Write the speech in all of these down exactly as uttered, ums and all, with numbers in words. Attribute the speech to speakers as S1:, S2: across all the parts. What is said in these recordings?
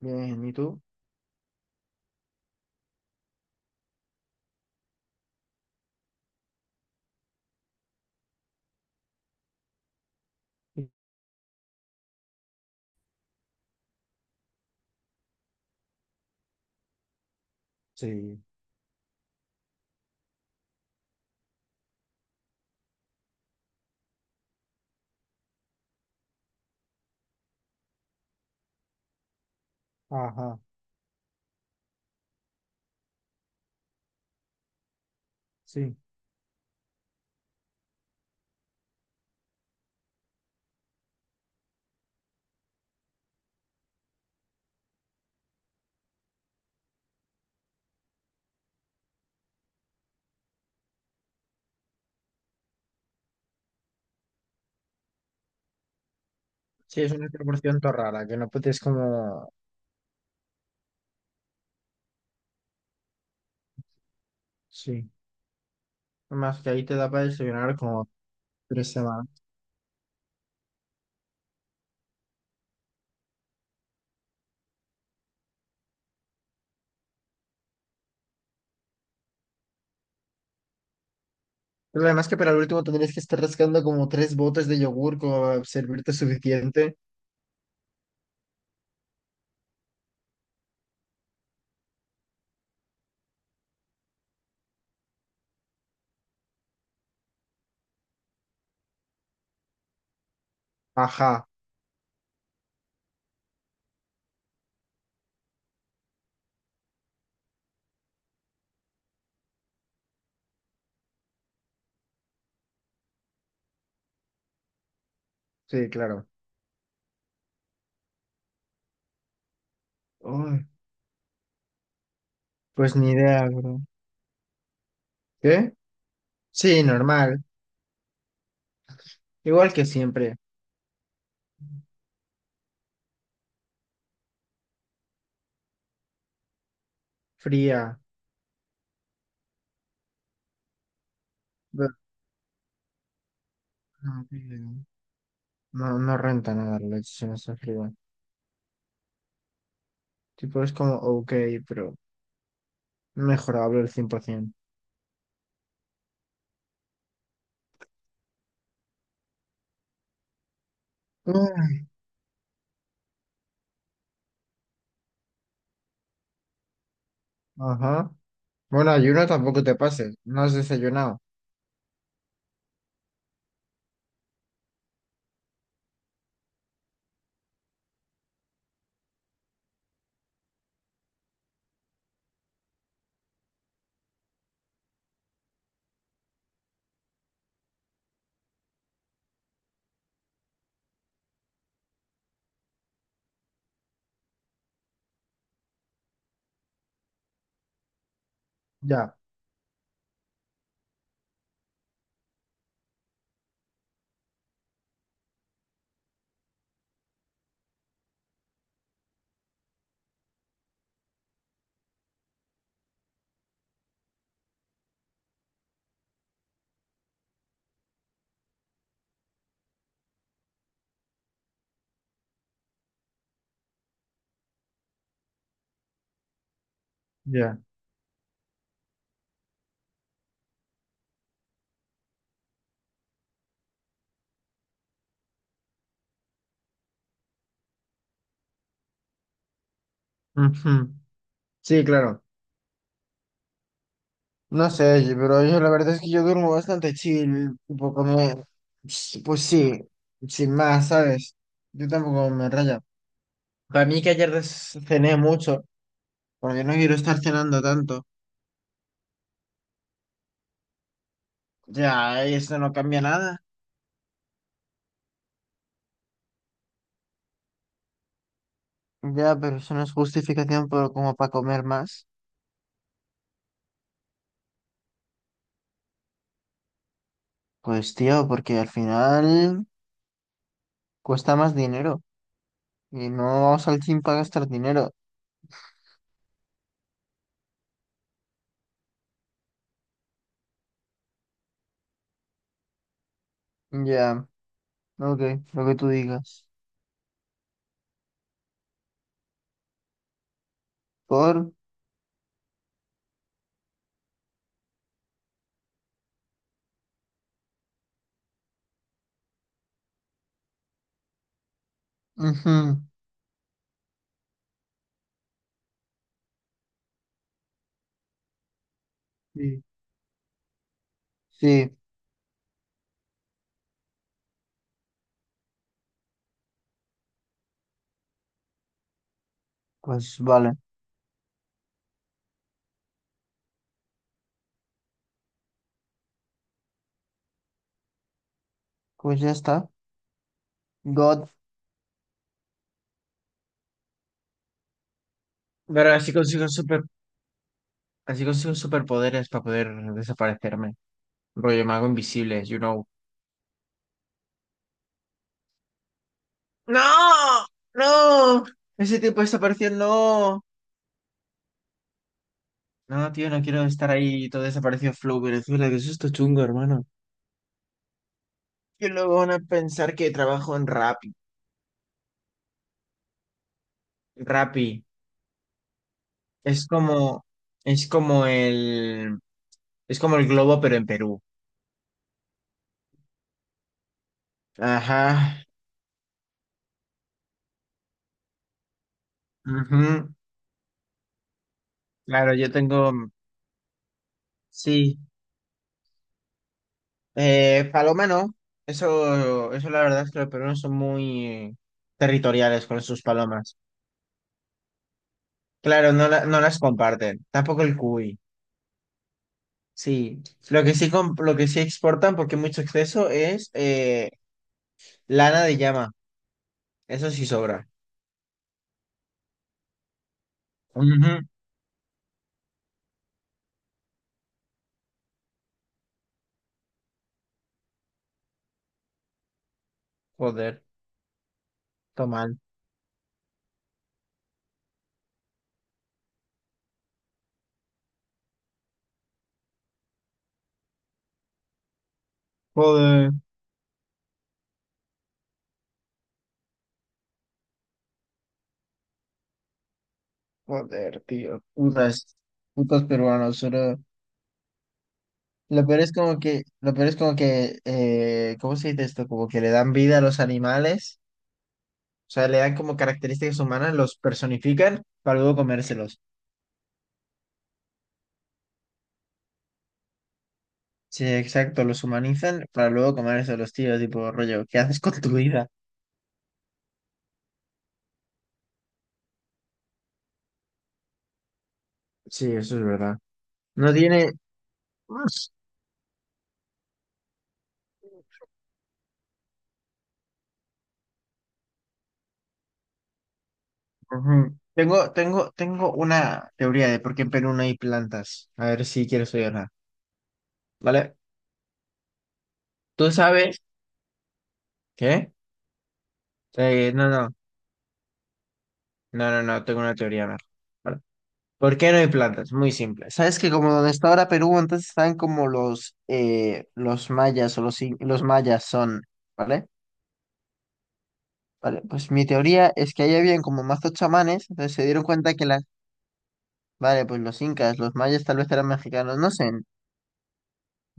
S1: Bien, ¿y tú? Sí. Ajá. Sí. Sí, es una proporción todo rara, que no puedes como... Sí. Más que ahí te da para desayunar como tres semanas. Pero además que para el último tendrías que estar rascando como tres botes de yogur como para servirte suficiente. Ajá, sí, claro. Ay, pues ni idea, bro. ¿Qué? Sí, normal. Igual que siempre. Fría. Bro, no, no no renta nada la leche si no está fría. Tipo, es como, ok, pero mejorable el cien por ciento. Ajá. Bueno, ayuno tampoco te pases. No has desayunado. Ya, ya. Ujú. Sí, claro. No sé, yo- pero yo la verdad es que yo duermo bastante chill. Tipo, como... Pues sí, sin más, ¿sabes? Yo tampoco me raya. Para mí que ayer des- cené mucho, porque no quiero estar cenando tanto. Ya, eso no cambia nada. Ya, pero eso no es justificación por, como para comer más. Pues tío, porque al final cuesta más dinero. Y no vamos al gym para gastar dinero. Ya, ok, lo que tú digas. Por. Ujú. Sí. Sí, pues vale. Pues ya está. God. Pero así consigo super, así consigo superpoderes para poder desaparecerme. Rollo, me hago invisible, you know. ¡No! ¡No! Ese tipo desapareció, no. No, tío, no quiero estar ahí todo desaparecido Flow Venezuela, que eso es chungo, hermano. Que luego van a pensar que trabajo en Rappi. Rappi. Es como, es como el, es como el globo, pero en Perú. Ajá. Ujú. Claro, yo tengo, mm, sí. Eh, paloma no. Eso, eso la verdad es que los peruanos son muy territoriales con sus palomas. Claro, no, la- no las comparten. Tampoco el cuy. Sí. Lo que sí, com- lo que sí exportan, porque hay mucho exceso, es eh, lana de llama. Eso sí sobra. Ujú. Joder, toma. Joder. Joder, tío. Putas. Putos peruanos. Lo peor es como que, lo peor es como que, eh, ¿cómo se dice esto? Como que le dan vida a los animales, o sea, le dan como características humanas, los personifican para luego comérselos. Sí, exacto, los humanizan para luego comérselos, tío, tipo rollo, ¿qué haces con tu vida? Sí, eso es verdad. No tiene... Ujú. Tengo, tengo, tengo una teoría de por qué en Perú no hay plantas. A ver si quieres oírla. ¿Vale? ¿Tú sabes qué? Eh, no, no, no, no, no, tengo una teoría, Mar. ¿Por qué no hay plantas? Muy simple. Sabes que como donde está ahora Perú, antes están como los, eh, los mayas o los, in- los mayas son, ¿vale? Vale, pues mi teoría es que ahí habían como mazos chamanes, entonces se dieron cuenta que las... Vale, pues los incas, los mayas tal vez eran mexicanos, no sé,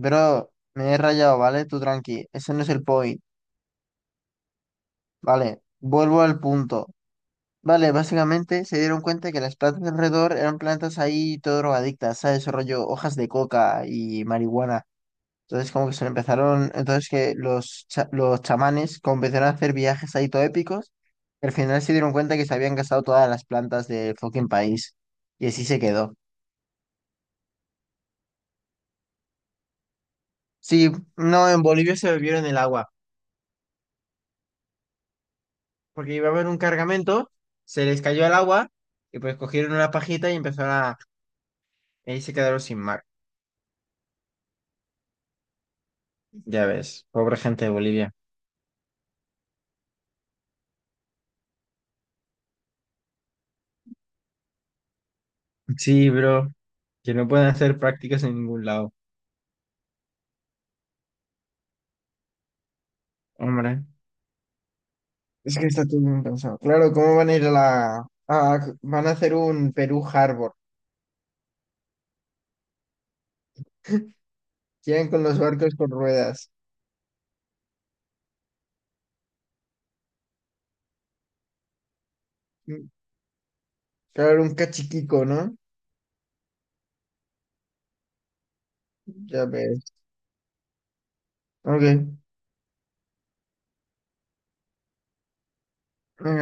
S1: pero me he rayado, ¿vale? Tú tranqui, ese no es el point, ¿vale? Vuelvo al punto. Vale, básicamente se dieron cuenta que las plantas de alrededor eran plantas ahí todo drogadictas, ¿sabes? Rollo hojas de coca y marihuana. Entonces como que se empezaron, entonces que los, cha- los chamanes como empezaron a hacer viajes ahí todo épicos, y al final se dieron cuenta que se habían gastado todas las plantas del fucking país. Y así se quedó. Sí, no, en Bolivia se bebieron el agua, porque iba a haber un cargamento, se les cayó el agua y pues cogieron una pajita y empezaron a... y ahí se quedaron sin mar. Ya ves, pobre gente de Bolivia. Sí, bro, que no pueden hacer prácticas en ningún lado. Hombre. Es que está todo bien pensado. Claro, ¿cómo van a ir a la... a- van a hacer un Perú Harbor. Llegan con los barcos con ruedas. Mm, claro, un cachiquico, ¿no? Ya ves. Ok. Venga,